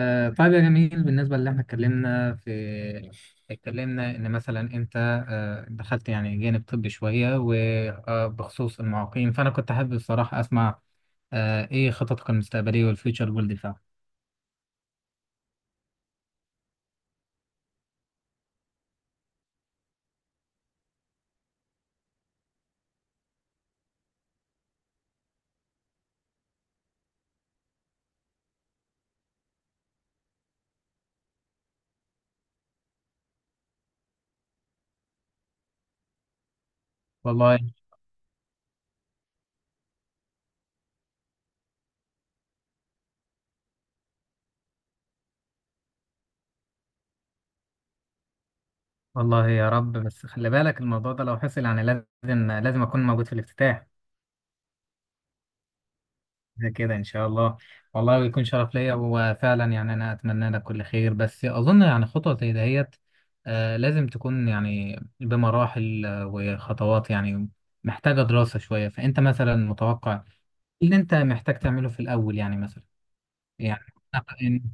طيب يا جميل، بالنسبة اللي احنا اتكلمنا في ان مثلا انت دخلت يعني جانب طبي شوية، وبخصوص المعاقين، فانا كنت حابب الصراحة اسمع ايه خططك المستقبلية والفيوتشر جول بتاعك. والله. والله يا رب، بس خلي بالك الموضوع ده لو حصل يعني لازم لازم اكون موجود في الافتتاح. ده كده ان شاء الله. والله بيكون شرف ليا، وفعلا يعني انا اتمنى لك كل خير، بس اظن يعني خطوه زي دهيت لازم تكون يعني بمراحل وخطوات يعني، محتاجه دراسه شويه. فانت مثلا متوقع إيه اللي انت محتاج تعمله في الاول؟ يعني مثلا، يعني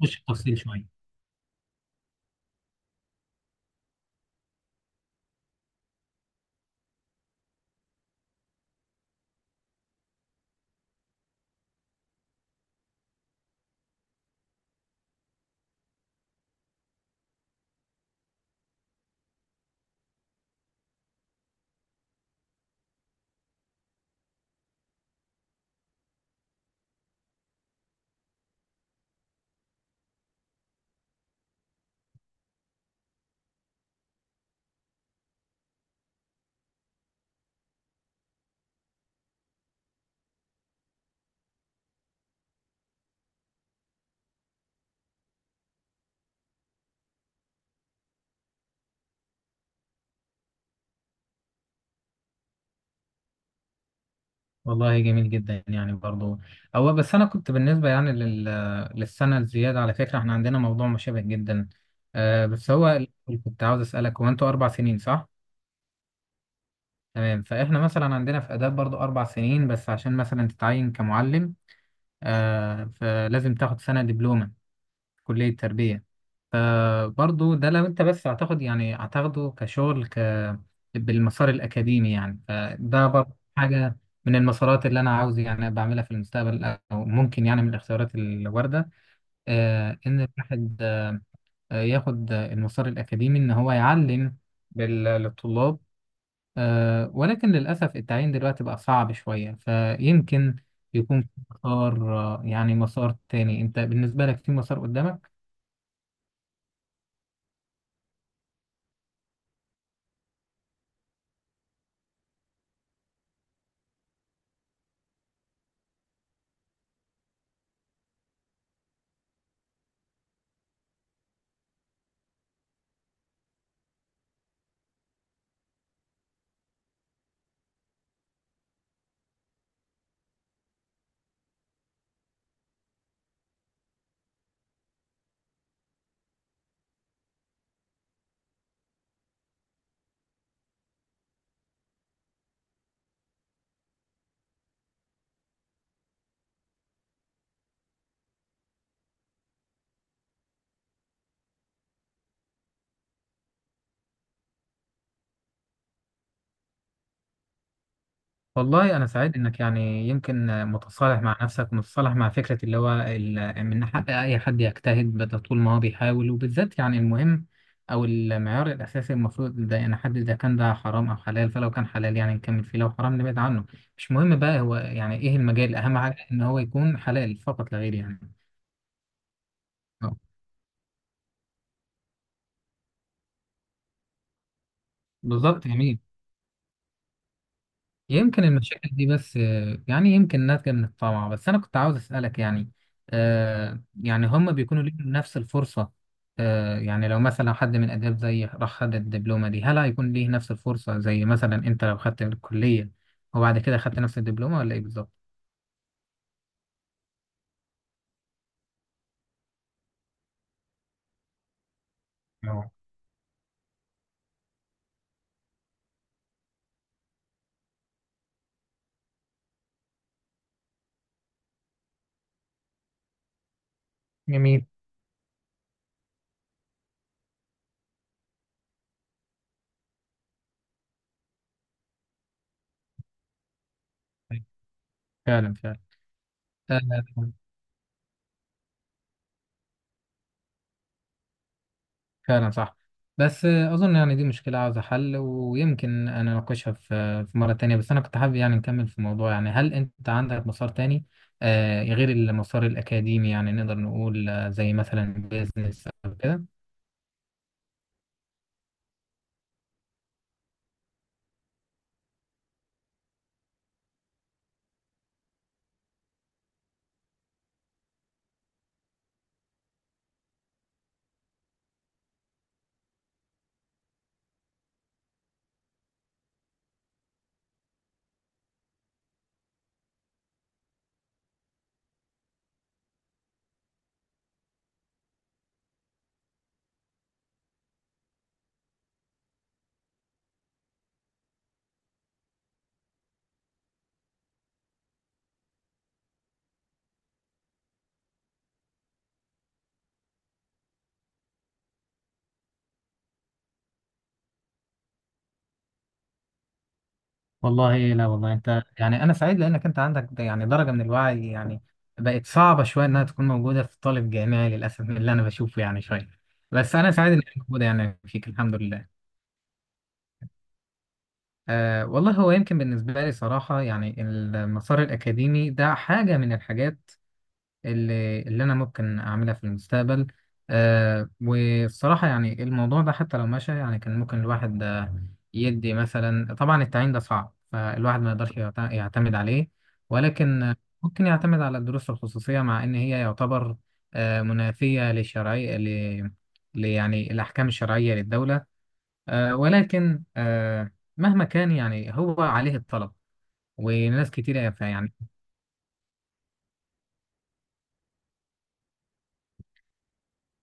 نخش في تفصيل شويه. والله جميل جدا يعني برضو. هو بس انا كنت بالنسبه يعني لل... للسنه الزياده، على فكره احنا عندنا موضوع مشابه جدا، بس هو كنت عاوز اسالك، هو انتوا اربع سنين صح؟ تمام، فاحنا مثلا عندنا في آداب برضو أربع سنين، بس عشان مثلا تتعين كمعلم فلازم تاخد سنة دبلومة في كلية تربية. فبرضو ده لو أنت بس هتاخد يعني هتاخده كشغل، ك بالمسار الأكاديمي يعني، فده برضو حاجة من المسارات اللي أنا عاوز يعني بعملها في المستقبل، أو ممكن يعني من الاختيارات الواردة إن الواحد ياخد المسار الأكاديمي إن هو يعلم بال- للطلاب. ولكن للأسف التعيين دلوقتي بقى صعب شوية، فيمكن يكون في مسار، يعني مسار تاني. أنت بالنسبة لك في مسار قدامك؟ والله أنا سعيد إنك يعني يمكن متصالح مع نفسك، ومتصالح مع فكرة اللي هو ال- إن حق أي حد يجتهد، بدل طول ما هو بيحاول. وبالذات يعني المهم أو المعيار الأساسي المفروض ده، يعني حد إذا كان ده حرام أو حلال، فلو كان حلال يعني نكمل فيه، لو حرام نبعد عنه. مش مهم بقى هو يعني إيه المجال، أهم حاجة إن هو يكون حلال فقط لا غير يعني. بالظبط، جميل. يمكن المشاكل دي بس يعني يمكن ناتجة من الطمع. بس أنا كنت عاوز أسألك يعني، يعني هم بيكونوا ليهم نفس الفرصة؟ يعني لو مثلا حد من آداب زي راح خد الدبلومة دي، هل هيكون ليه نفس الفرصة زي مثلا أنت لو خدت الكلية وبعد كده خدت نفس الدبلومة، ولا إيه بالظبط؟ اه، جميل. فعلا، فعلا. آه فعلا صح. بس اظن يعني دي مشكله عاوزه حل، ويمكن انا اناقشها في مره تانية. بس انا كنت حابب يعني نكمل في الموضوع. يعني هل انت عندك مسار تاني غير المسار الاكاديمي؟ يعني نقدر نقول زي مثلا بيزنس او كده. والله لا والله، انت يعني، انا سعيد لانك انت عندك د- يعني درجه من الوعي، يعني بقت صعبه شويه انها تكون موجوده في طالب جامعي للاسف، من اللي انا بشوفه يعني شويه. بس انا سعيد انك موجوده يعني فيك، الحمد لله. أه والله، هو يمكن بالنسبة لي صراحة يعني المسار الأكاديمي ده حاجة من الحاجات اللي أنا ممكن أعملها في المستقبل. أه، والصراحة يعني الموضوع ده حتى لو مشى يعني، كان ممكن الواحد يدي مثلا. طبعا التعيين ده صعب، فالواحد ما يقدرش يعتمد عليه، ولكن ممكن يعتمد على الدروس الخصوصية، مع إن هي يعتبر منافية للشرعية، ل يعني الأحكام الشرعية للدولة، ولكن مهما كان يعني هو عليه الطلب، وناس كتير يعني.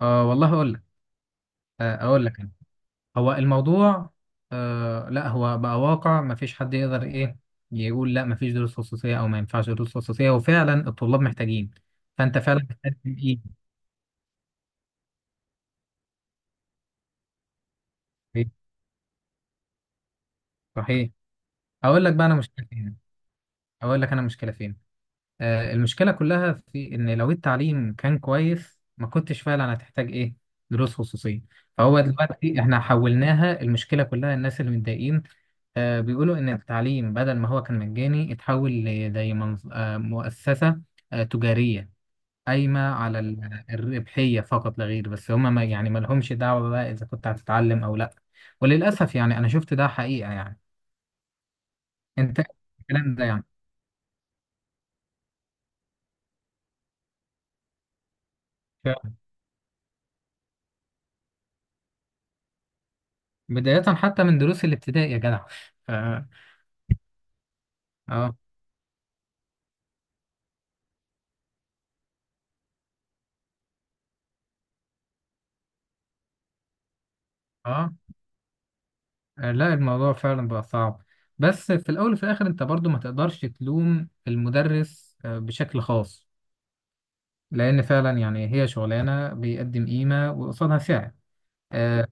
والله اقول لك، اقول لك أنا. هو الموضوع لا، هو بقى واقع، ما فيش حد يقدر ايه، يقول لا ما فيش دروس خصوصية، او ما ينفعش دروس خصوصية، وفعلا الطلاب محتاجين، فانت فعلا محتاج. ايه، صحيح. اقول لك بقى انا مشكلة فين، اقول لك انا مشكلة فين. المشكلة كلها في إن لو التعليم كان كويس، ما كنتش فعلا هتحتاج إيه، دروس خصوصية. فهو دلوقتي إحنا حولناها، المشكلة كلها الناس اللي متضايقين بيقولوا إن التعليم بدل ما هو كان مجاني اتحول لزي مؤسسة تجارية قايمة على ال- الربحية فقط لا غير، بس هما ما يعني ما لهمش دعوة بقى إذا كنت هتتعلم أو لأ. وللأسف يعني أنا شفت ده حقيقة يعني. أنت الكلام ده يعني بداية حتى من دروس الابتدائي يا جدع. اه، اه. لا، الموضوع فعلا بقى صعب. بس في الاول وفي الاخر انت برضو ما تقدرش تلوم المدرس بشكل خاص، لان فعلا يعني هي شغلانه بيقدم قيمه، وقصادها سعر. آه.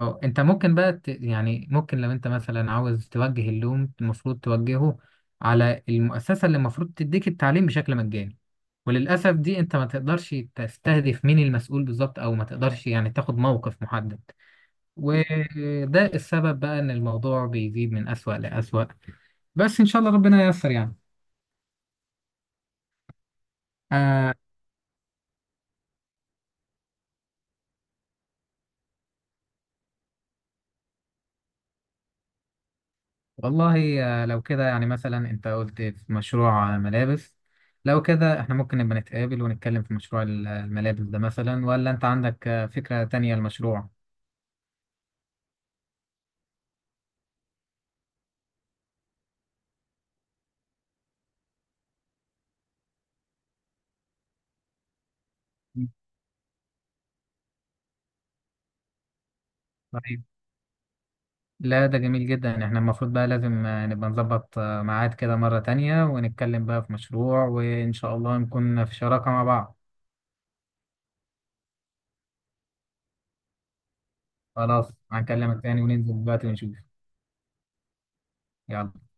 انت ممكن بقى ت... يعني ممكن لو انت مثلا عاوز توجه اللوم، المفروض توجهه على المؤسسه اللي المفروض تديك التعليم بشكل مجاني. وللاسف دي، انت ما تقدرش تستهدف مين المسؤول بالظبط، او ما تقدرش يعني تاخد موقف محدد. وده السبب بقى ان الموضوع بيزيد من أسوأ لأسوأ. بس ان شاء الله ربنا ييسر يعني. آه، والله. لو كده يعني مثلا انت قلت في مشروع ملابس، لو كده احنا ممكن نبقى نتقابل ونتكلم في مشروع ال- الملابس ده مثلا، ولا انت عندك فكرة تانية للمشروع؟ مم. طيب، لا ده جميل جدا. احنا المفروض بقى لازم نبقى نظبط ميعاد كده مرة تانية، ونتكلم بقى في مشروع، وان شاء الله نكون في شراكة مع بعض. خلاص، هنكلمك تاني وننزل دلوقتي ونشوف. يلا.